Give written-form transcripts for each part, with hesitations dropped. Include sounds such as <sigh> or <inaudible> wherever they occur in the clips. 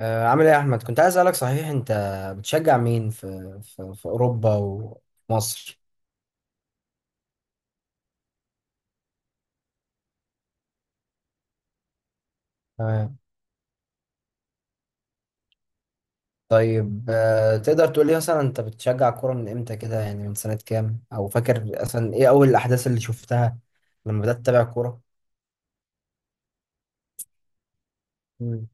عامل ايه يا احمد، كنت عايز اسالك صحيح، انت بتشجع مين في اوروبا ومصر؟ تمام. طيب، تقدر تقول لي مثلا انت بتشجع الكوره من امتى كده يعني، من سنه كام؟ او فاكر اصلا ايه اول الاحداث اللي شفتها لما بدات تتابع كوره؟ مم.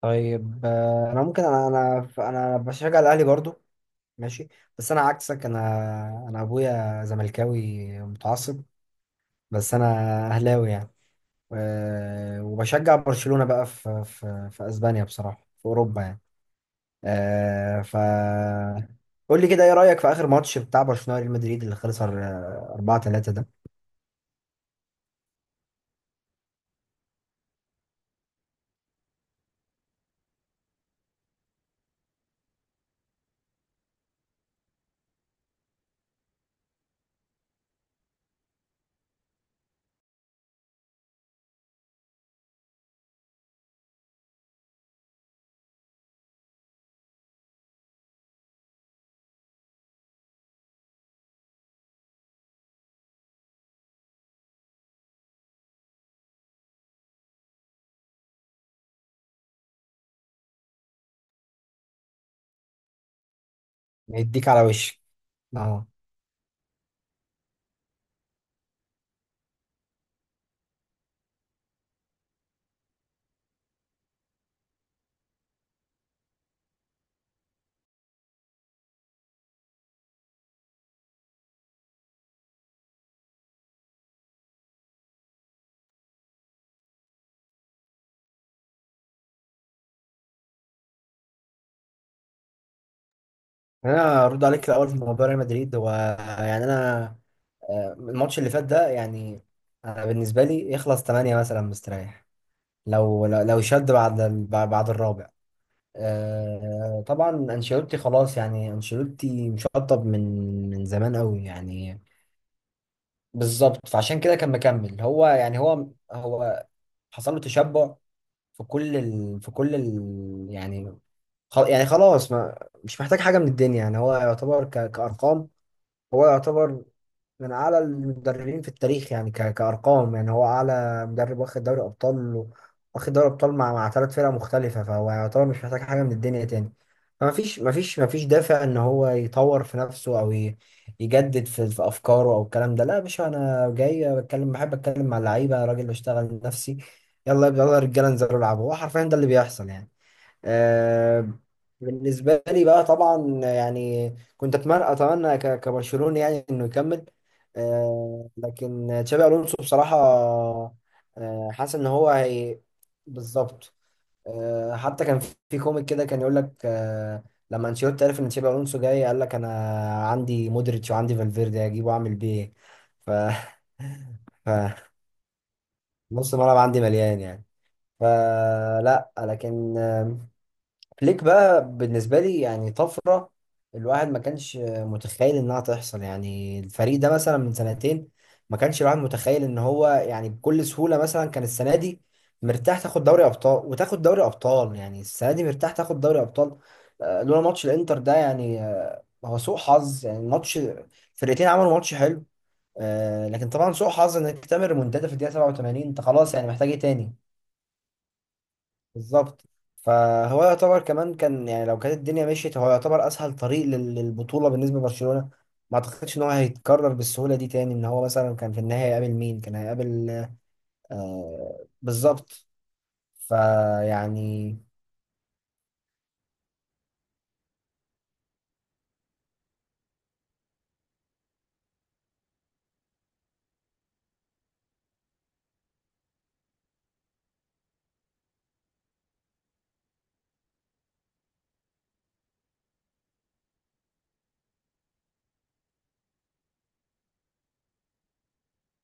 طيب، انا ممكن انا انا انا بشجع الاهلي برضو. ماشي. بس انا عكسك، انا ابويا زملكاوي متعصب. بس انا اهلاوي يعني. وبشجع برشلونة بقى في اسبانيا بصراحة، في اوروبا يعني. آه، ف قول لي كده، ايه رأيك في اخر ماتش بتاع برشلونة وريال مدريد اللي خلص 4-3 ده؟ يديك على وشك. اه. انا ارد عليك الاول في موضوع ريال مدريد. هو يعني انا، الماتش اللي فات ده يعني، انا بالنسبة لي يخلص 8 مثلا مستريح. لو شد بعد بعد الرابع. طبعا انشيلوتي خلاص يعني، انشيلوتي مشطب من زمان قوي يعني. بالظبط. فعشان كده كان مكمل هو يعني، هو حصل له تشبع يعني، يعني خلاص، ما مش محتاج حاجة من الدنيا يعني. هو يعتبر كأرقام، هو يعتبر من أعلى المدربين في التاريخ يعني، كأرقام يعني، هو أعلى مدرب واخد دوري أبطال واخد دوري أبطال مع 3 فرق مختلفة، فهو يعتبر مش محتاج حاجة من الدنيا تاني. فما فيش ما فيش ما فيش دافع إن هو يطور في نفسه أو يجدد في أفكاره أو الكلام ده. لا يا باشا، أنا جاي بتكلم، بحب أتكلم مع اللعيبة، راجل بشتغل نفسي: يلا يلا يا رجالة انزلوا العبوا. هو حرفيا ده اللي بيحصل يعني. آه، بالنسبة لي بقى طبعا يعني، كنت أتمنى كبرشلوني يعني إنه يكمل. لكن تشابي ألونسو بصراحة، حاسس إن هو، هي. بالظبط. حتى كان في كوميك كده كان يقول لك، لما أنشيلوتي عرف إن تشابي ألونسو جاي، قال لك أنا عندي مودريتش وعندي فالفيردي، هجيبه وأعمل بيه إيه؟ ف <laughs> ف نص الملعب عندي مليان يعني. فلا، لكن فليك بقى بالنسبة لي يعني طفرة، الواحد ما كانش متخيل انها تحصل يعني. الفريق ده مثلا من سنتين ما كانش الواحد متخيل ان هو يعني بكل سهولة مثلا كان السنة دي مرتاح تاخد دوري ابطال، وتاخد دوري ابطال يعني السنة دي مرتاح تاخد دوري ابطال. لولا ماتش الانتر ده يعني، هو سوء حظ يعني. الماتش، فرقتين عملوا ماتش حلو، لكن طبعا سوء حظ انك تعمل ريمونتادا في الدقيقة 87. انت خلاص يعني، محتاج ايه تاني؟ بالظبط. فهو يعتبر كمان كان يعني، لو كانت الدنيا مشيت هو يعتبر اسهل طريق للبطوله بالنسبه لبرشلونه. ما اعتقدش ان هو هيتكرر بالسهوله دي تاني، ان هو مثلا كان في النهايه هيقابل مين؟ كان هيقابل. آه، بالظبط. فيعني.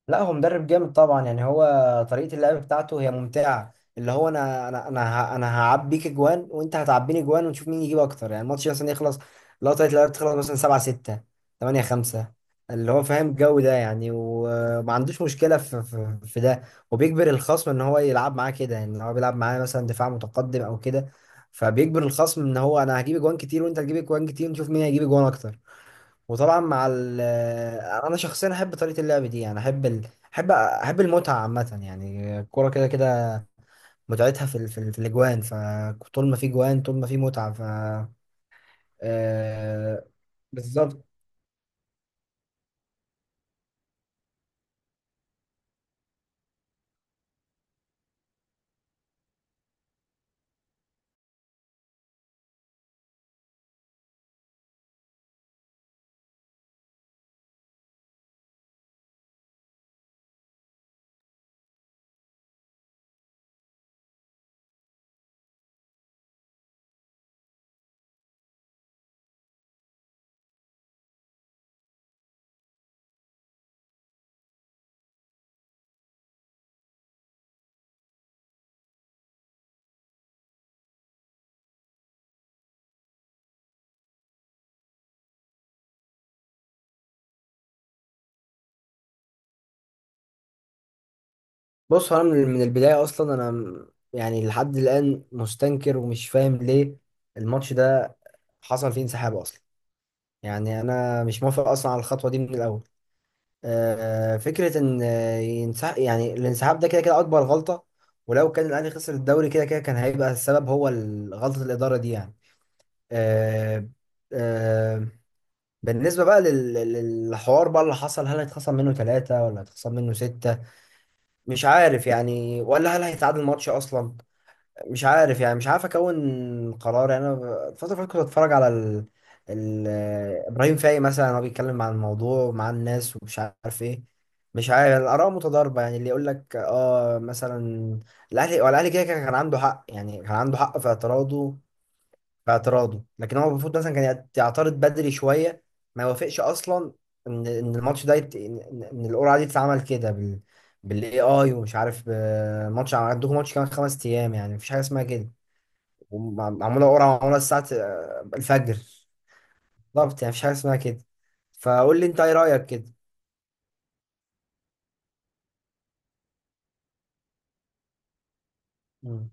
لا، هو مدرب جامد طبعا يعني. هو طريقة اللعب بتاعته هي ممتعة، اللي هو انا هعبيك اجوان وانت هتعبيني اجوان ونشوف مين يجيب اكتر يعني. الماتش مثلا يخلص، لو طريقة اللعب تخلص مثلا 7-6، 8-5، اللي هو فاهم الجو ده يعني، وما عندوش مشكلة في ده. وبيجبر الخصم ان هو يلعب معاه كده يعني، لو هو بيلعب معاه مثلا دفاع متقدم او كده. فبيجبر الخصم ان هو انا هجيب اجوان كتير وانت هتجيب اجوان كتير ونشوف مين هيجيب اجوان اكتر. وطبعا مع ال انا شخصيا احب طريقه اللعب دي يعني، احب المتعه عامه يعني. الكوره كده كده متعتها في الاجوان، فطول ما في جوان طول ما في متعه. آه... بالظبط. بص، هو انا من البدايه اصلا يعني لحد الان مستنكر ومش فاهم ليه الماتش ده حصل فيه انسحاب اصلا. يعني انا مش موافق اصلا على الخطوه دي من الاول. فكرة إن ينسحب يعني، الانسحاب ده كده كده أكبر غلطة. ولو كان الأهلي خسر الدوري كده كده، كان هيبقى السبب هو غلطة الإدارة دي يعني. آه، آه، بالنسبة بقى للحوار بقى اللي حصل، هل هيتخصم منه ثلاثة ولا هيتخصم منه ستة؟ مش عارف يعني، ولا هل هيتعادل الماتش أصلا؟ مش عارف يعني. مش عارف اكون قرار يعني، الفتره اللي فاتت كنت اتفرج على ال... ابراهيم فايق مثلا، هو بيتكلم عن الموضوع مع الناس ومش عارف ايه. مش عارف، الاراء متضاربه يعني، اللي يقول لك اه مثلا الاهلي، هو الاهلي كده كده كان عنده حق يعني، كان عنده حق في اعتراضه، في اعتراضه. لكن هو المفروض مثلا كان يعترض بدري شويه، ما يوافقش اصلا ان ان الماتش ده يت... ان إن- إن القرعه دي تتعمل كده بالاي اي، ومش عارف ماتش عندكم، ماتش كمان 5 ايام يعني، مفيش حاجه اسمها كده. ومعمول، اقرا معموله الساعه الفجر. بالظبط، يعني مفيش حاجه اسمها كده. فقول لي انت ايه رايك كده. مم.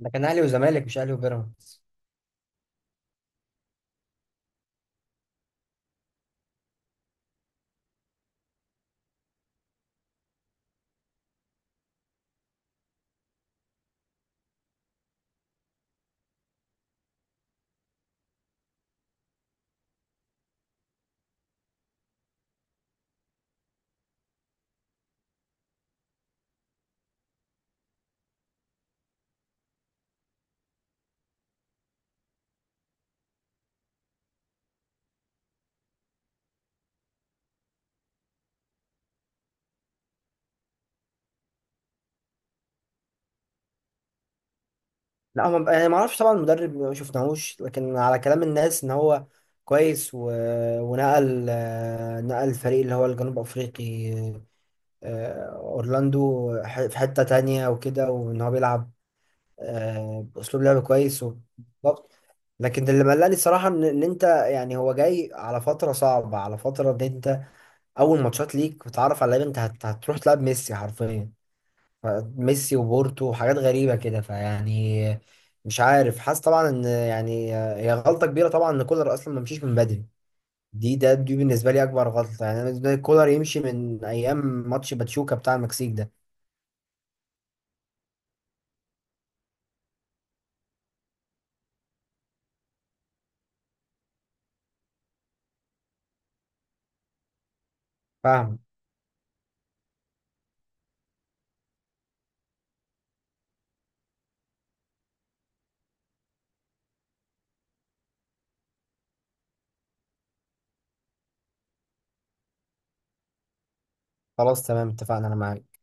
ده كان اهلي وزمالك، مش اهلي وبيراميدز. لا، هم يعني ما اعرفش طبعا. المدرب ما شفناهوش، لكن على كلام الناس ان هو كويس ونقل آه، نقل الفريق اللي هو الجنوب افريقي، اورلاندو في حته تانية وكده، وان هو بيلعب باسلوب لعب كويس. بالظبط. لكن اللي مقلقني الصراحه ان انت يعني، هو جاي على فتره صعبه، على فتره ان انت اول ماتشات ليك بتعرف على لعيبه، انت هتروح تلعب ميسي حرفيا. ف- ميسي وبورتو وحاجات غريبه كده، فيعني. مش عارف، حاسس طبعا ان يعني هي غلطه كبيره طبعا ان كولر اصلا ما مشيش من بدري. دي بالنسبه لي اكبر غلطه، يعني انا بالنسبه لي كولر يمشي من ايام ماتش باتشوكا بتاع المكسيك ده. فاهم. خلاص، تمام، اتفقنا، انا معاك.